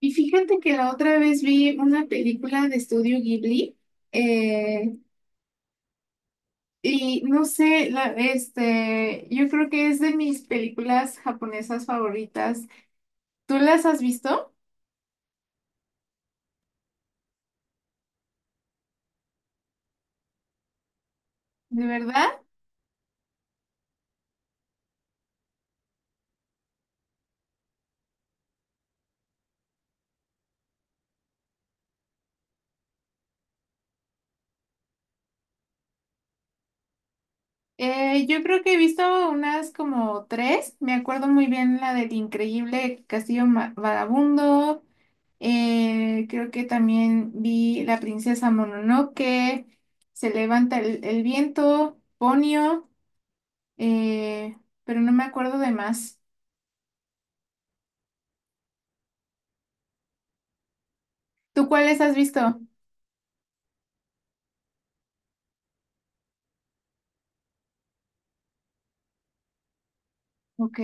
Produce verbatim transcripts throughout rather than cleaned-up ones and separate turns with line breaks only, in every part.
Y fíjate que la otra vez vi una película de estudio Ghibli, eh, y no sé, la, este, yo creo que es de mis películas japonesas favoritas. ¿Tú las has visto? ¿De verdad? Eh, yo creo que he visto unas como tres. Me acuerdo muy bien la del Increíble Castillo Ma- Vagabundo. Eh, creo que también vi La princesa Mononoke, Se levanta el, el viento, Ponio. eh, pero no me acuerdo de más. ¿Tú cuáles has visto? Ok.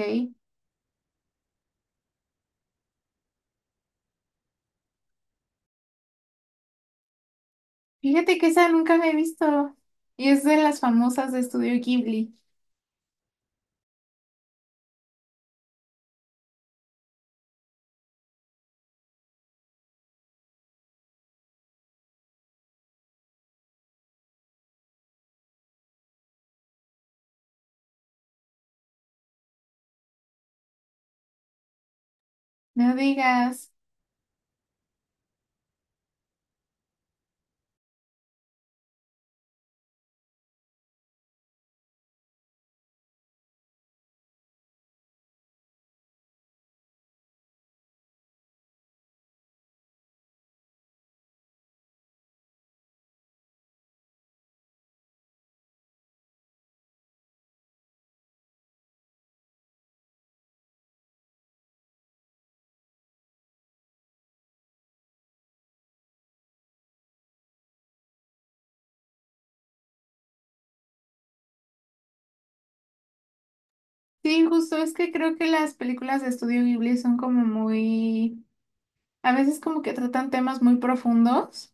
Fíjate que esa nunca la he visto. Y es de las famosas de Estudio Ghibli. No digas. Sí, justo es que creo que las películas de Estudio Ghibli son como muy... A veces como que tratan temas muy profundos.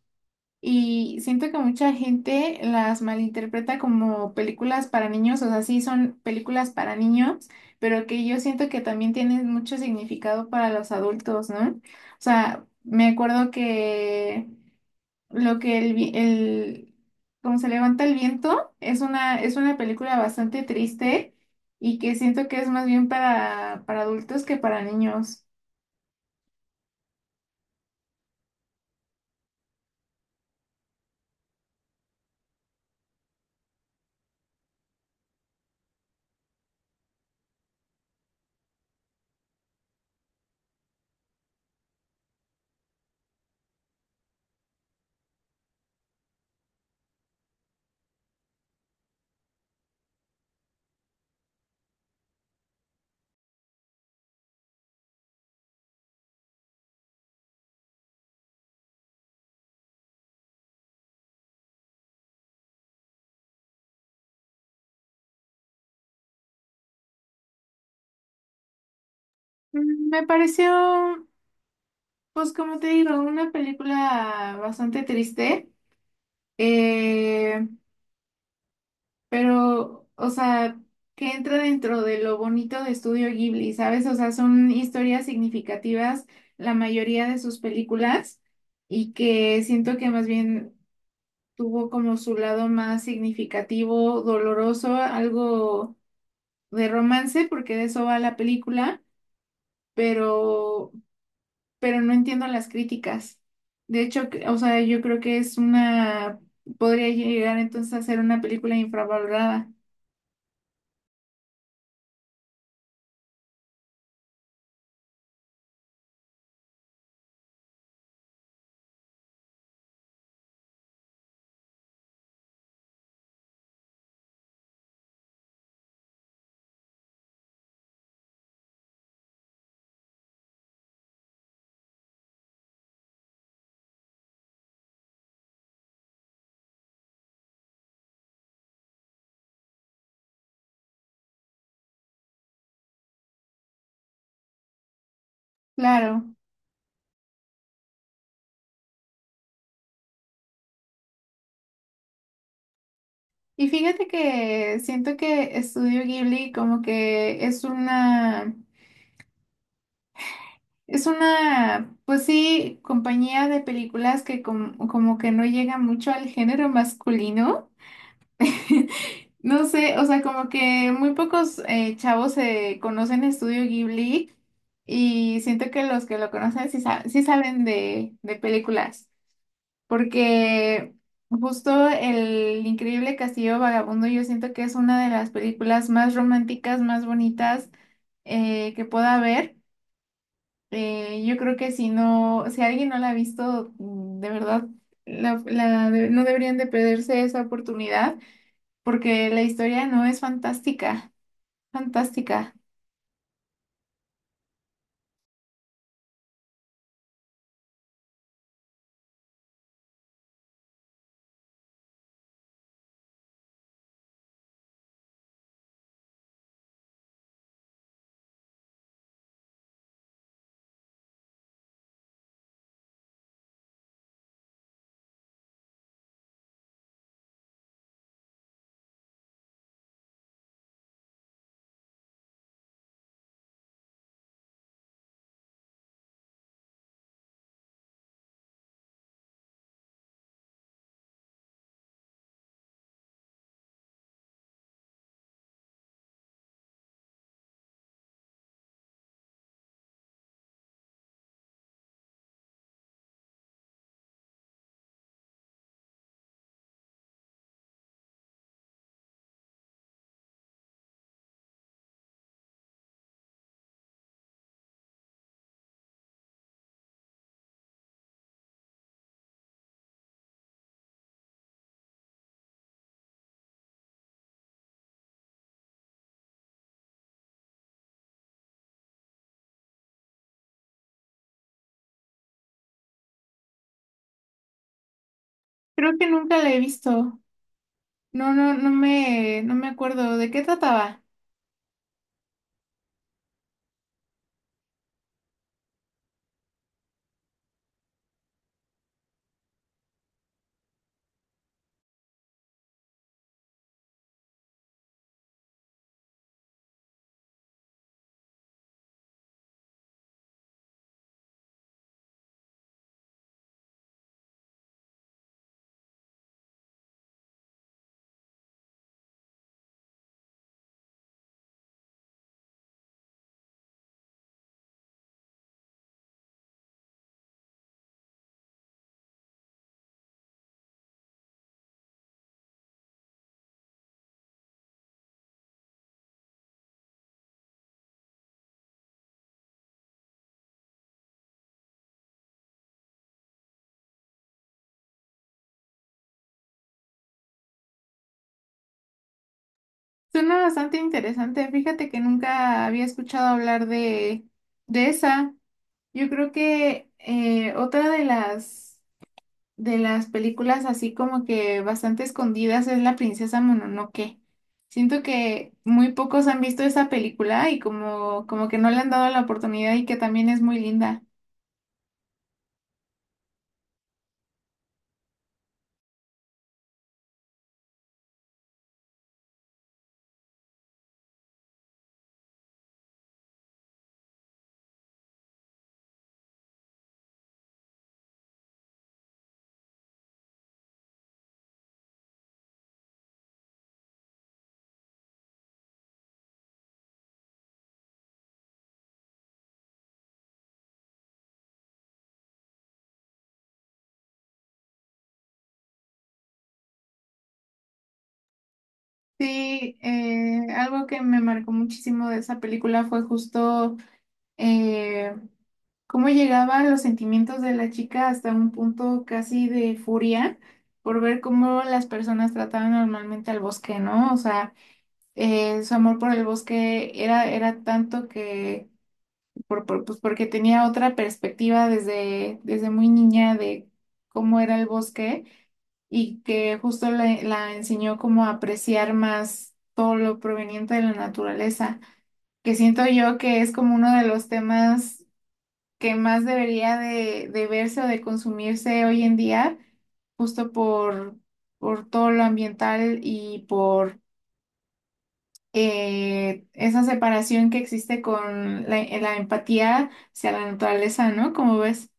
Y siento que mucha gente las malinterpreta como películas para niños, o sea, sí son películas para niños, pero que yo siento que también tienen mucho significado para los adultos, ¿no? O sea, me acuerdo que lo que el, vi- el como se levanta el viento es una, es una película bastante triste y que siento que es más bien para, para adultos que para niños. Mm, me pareció, pues como te digo, una película bastante triste. Eh, pero, o sea, que entra dentro de lo bonito de Estudio Ghibli, ¿sabes? O sea, son historias significativas la mayoría de sus películas y que siento que más bien tuvo como su lado más significativo, doloroso, algo de romance, porque de eso va la película, pero, pero no entiendo las críticas. De hecho, que- o sea, yo creo que es una, podría llegar entonces a ser una película infravalorada. Claro. Y fíjate que siento que Estudio Ghibli como que es una, es una, pues sí, compañía de películas que com- como que no llega mucho al género masculino. No sé, o sea, como que muy pocos eh, chavos se conocen Estudio Ghibli y siento que los que lo conocen sí, sa- sí saben de, de películas. Porque justo El Increíble Castillo Vagabundo yo siento que es una de las películas más románticas, más bonitas, eh, que pueda haber. Eh, yo creo que si no, si alguien no la ha visto, mm, de verdad, la- la de- no deberían de perderse esa oportunidad, porque la historia no es fantástica, fantástica. Creo que nunca la he visto. No, no, no me, no me acuerdo de qué trataba. Suena bastante interesante. Fíjate que nunca había escuchado hablar de, de esa. Yo creo que eh, otra de las de las películas así como que bastante escondidas es La princesa Mononoke. Siento que muy pocos han visto esa película y como, como que no le han dado la oportunidad y que también es muy linda. Sí, eh, algo que me marcó muchísimo de esa película fue justo, eh, cómo llegaban los sentimientos de la chica hasta un punto casi de furia por ver cómo las personas trataban normalmente al bosque, ¿no? O sea, eh, su amor por el bosque era, era tanto que, por, por- pues porque tenía otra perspectiva desde, desde muy niña de cómo era el bosque y que justo le- la enseñó como a apreciar más todo lo proveniente de la naturaleza, que siento yo que es como uno de los temas que más debería de, de verse o de consumirse hoy en día, justo por, por todo lo ambiental y por, eh, esa separación que existe con la, la empatía hacia la naturaleza, ¿no? ¿Como ves?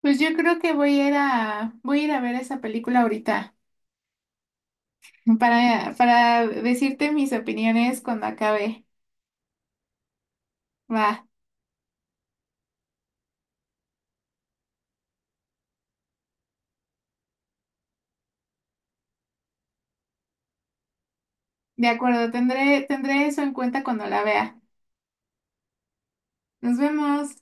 Pues yo creo que voy a ir a, voy a ir a ver esa película ahorita para, para decirte mis opiniones cuando acabe. Va, de acuerdo, tendré, tendré eso en cuenta cuando la vea. Nos vemos.